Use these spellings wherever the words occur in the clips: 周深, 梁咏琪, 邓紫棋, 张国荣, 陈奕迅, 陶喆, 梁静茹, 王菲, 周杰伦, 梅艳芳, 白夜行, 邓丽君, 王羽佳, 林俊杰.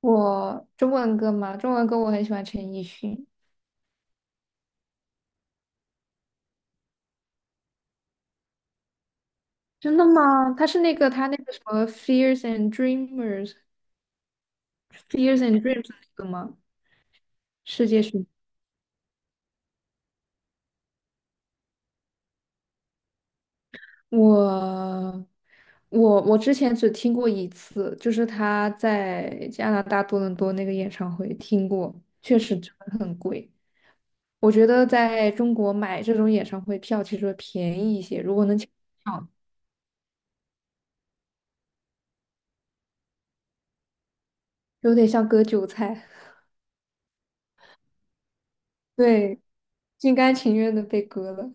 我中文歌嘛，中文歌我很喜欢陈奕迅。真的吗？他那个什么《Fears and Dreamers》《Fears and Dreams》那个吗？世界巡我我之前只听过一次，就是他在加拿大多伦多那个演唱会听过，确实真的很贵。我觉得在中国买这种演唱会票其实会便宜一些，如果能抢到票，有点像割韭菜，对，心甘情愿的被割了。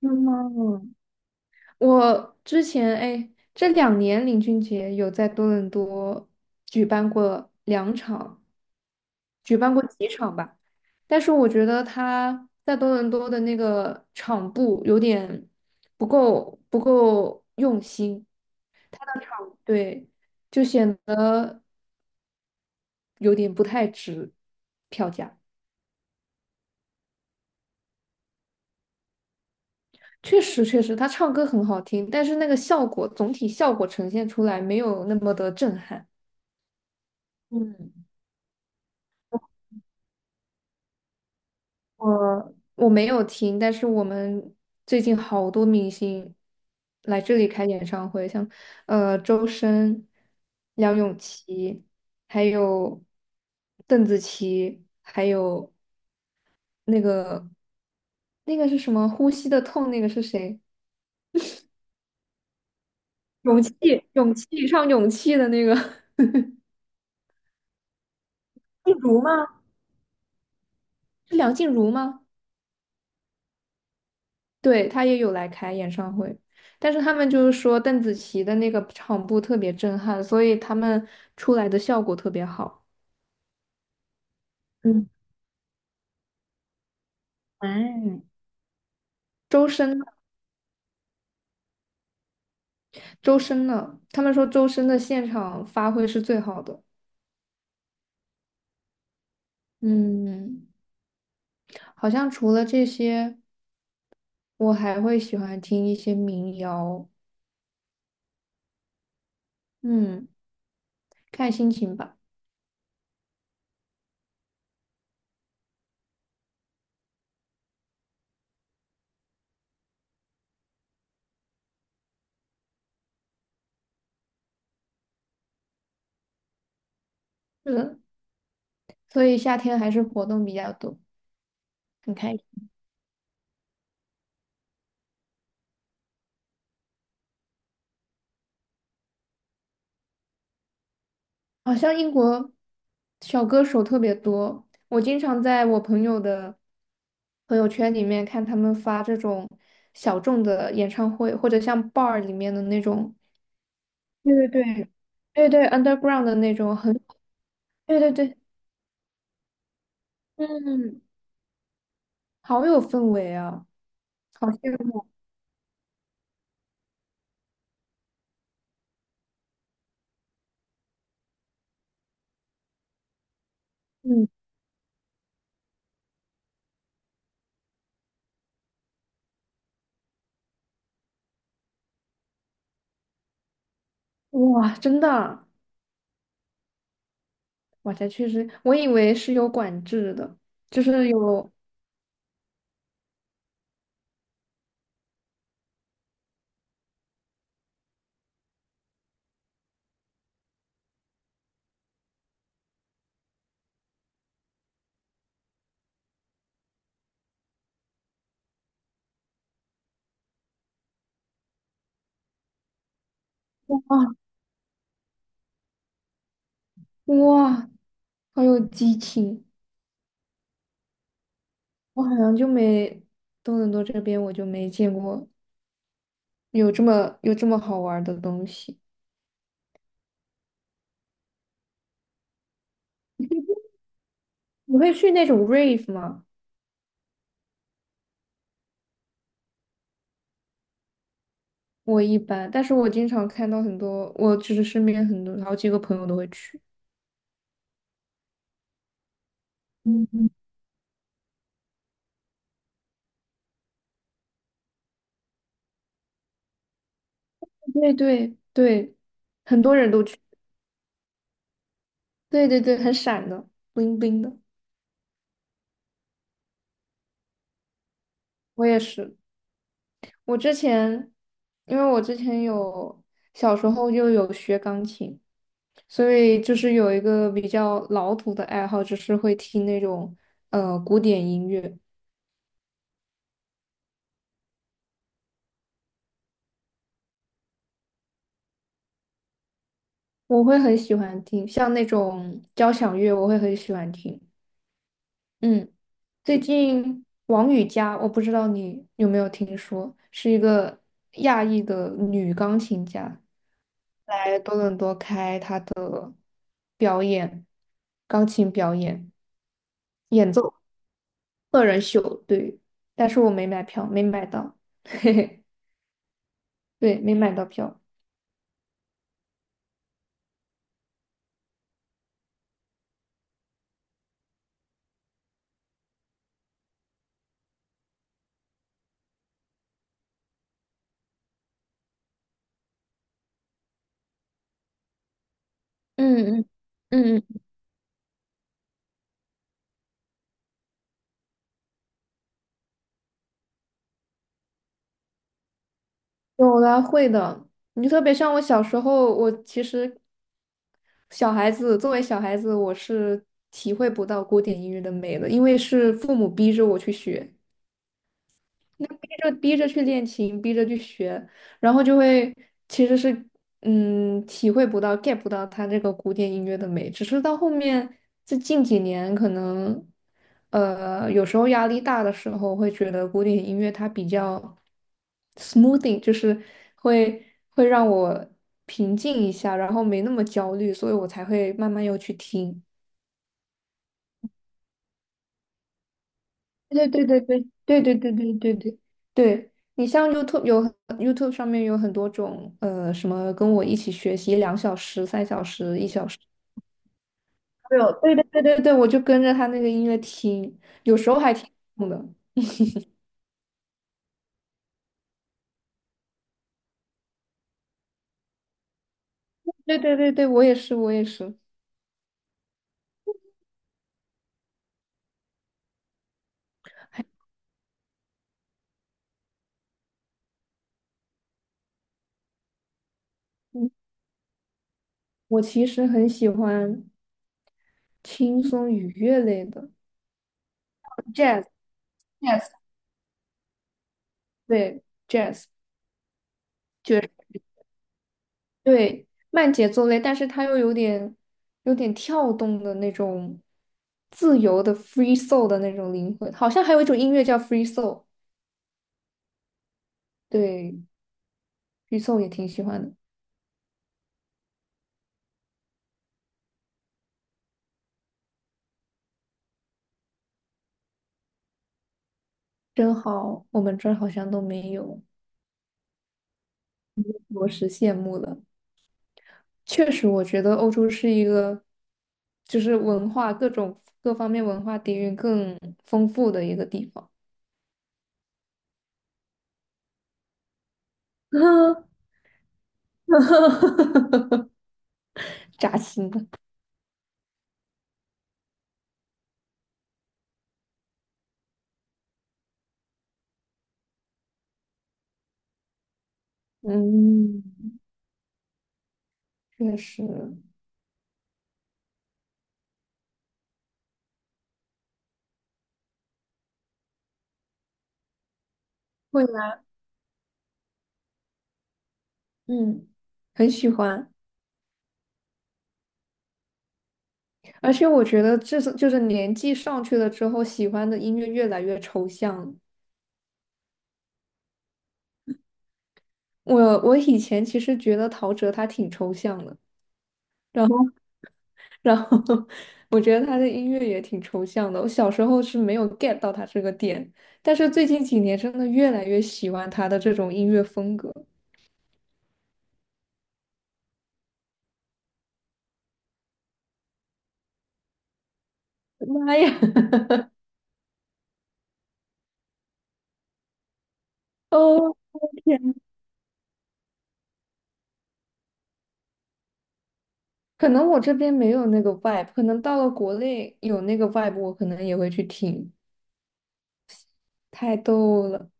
嗯，我之前哎，这两年林俊杰有在多伦多举办过两场，举办过几场吧。但是我觉得他在多伦多的那个场布有点不够用心，对，就显得有点不太值票价。确实，确实，他唱歌很好听，但是那个效果总体效果呈现出来没有那么的震撼。嗯。我我没有听，但是我们最近好多明星来这里开演唱会，像周深、梁咏琪，还有邓紫棋，还有那个那个是什么《呼吸的痛》那个是谁？勇气，勇气，唱勇气的那个，静茹吗？是梁静茹吗？对，他也有来开演唱会，但是他们就是说邓紫棋的那个场布特别震撼，所以他们出来的效果特别好。嗯，哎，周深呢，周深呢？他们说周深的现场发挥是最好的。嗯，好像除了这些，我还会喜欢听一些民谣。嗯，看心情吧。嗯，所以夏天还是活动比较多，很开好像英国小歌手特别多，我经常在我朋友的朋友圈里面看他们发这种小众的演唱会，或者像 bar 里面的那种，对对对，对对，underground 的那种，很，对对对，嗯，好有氛围啊，好羡慕，嗯，哇，真的啊。哇，这确实，我以为是有管制的，就是有，哇，哇，好有激情。我好像就没多伦多这边我就没见过有这么好玩儿的东西。你会去那种 rave 吗？我一般，但是我经常看到很多，我就是身边很多好几个朋友都会去。嗯，对对对，很多人都去。对对对，很闪的，bling bling 的。我也是。我之前，因为我之前有小时候就有学钢琴，所以就是有一个比较老土的爱好，就是会听那种古典音乐，我会很喜欢听，像那种交响乐，我会很喜欢听。嗯，最近王羽佳，我不知道你有没有听说，是一个亚裔的女钢琴家，来多伦多开表演钢琴表演演奏。个人秀，对，但是我没买票，没买到，嘿嘿，对，没买到票。嗯嗯嗯，嗯，有啦，会的。你特别像我小时候，我其实小孩子作为小孩子，我是体会不到古典音乐的美的，因为是父母逼着我去学。那逼着去练琴，逼着去学，然后就会其实是嗯体会不到 get 不到它这个古典音乐的美，只是到后面这近几年可能有时候压力大的时候会觉得古典音乐它比较 smoothing,就是会会让我平静一下，然后没那么焦虑，所以我才会慢慢又去听。对对对对对对对对对对对，你像 YouTube 有 YouTube 上面有很多种什么跟我一起学习两小时、三小时、一小时，对哦对对对对对，我就跟着他那个音乐听，有时候还挺痛的。对对对对，我也是我也是，嗯，我其实很喜欢轻松愉悦类的 jazz。 jazz 对 jazz。对，慢节奏类，但是它又有点跳动的那种自由的 free soul 的那种灵魂，好像还有一种音乐叫 free soul,对，free soul 也挺喜欢的。真好，我们这儿好像都没有，着实羡慕了。确实，我觉得欧洲是一个就是文化各方面文化底蕴更丰富的一个地方，扎心的。嗯，确实。会。嗯，很喜欢，而且我觉得这是就是年纪上去了之后，喜欢的音乐越来越抽象了。我我以前其实觉得陶喆他挺抽象的，然后然后 我觉得他的音乐也挺抽象的。我小时候是没有 get 到他这个点，但是最近几年真的越来越喜欢他的这种音乐风格。妈呀！哦，天呐，可能我这边没有那个 vibe,可能到了国内有那个 vibe,我可能也会去听。太逗了。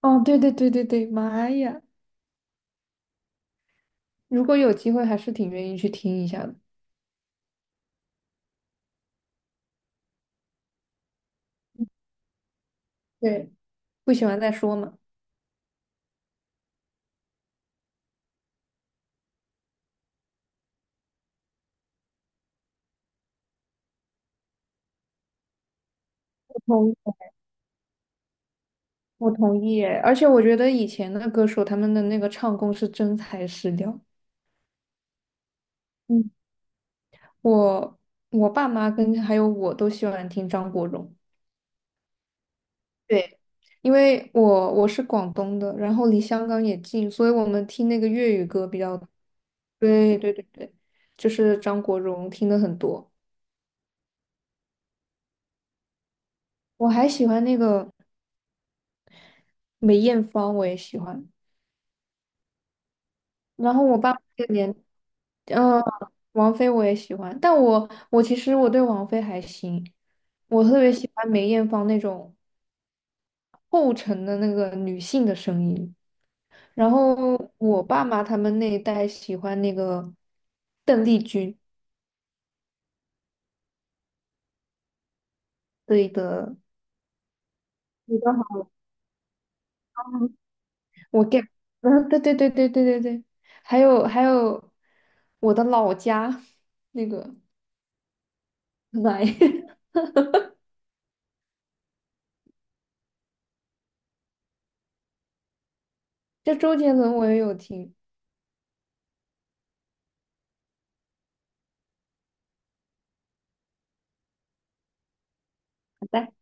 哦，对对对对对，妈呀！如果有机会，还是挺愿意去听一下的。对，不喜欢再说嘛。我同意，我同意耶。而且我觉得以前的歌手他们的那个唱功是真材实料。嗯，我我爸妈跟还有我都喜欢听张国荣，对，因为我是广东的，然后离香港也近，所以我们听那个粤语歌比较。对对对对，就是张国荣听的很多。我还喜欢那个梅艳芳，我也喜欢。然后我爸爸这个年，嗯、王菲我也喜欢，但我其实对王菲还行，我特别喜欢梅艳芳那种厚沉的那个女性的声音。然后我爸妈他们那一代喜欢那个邓丽君，对的，你的好，我 get,嗯，对对对对对对对，还有我的老家那个奶，就周杰伦我也有听。好的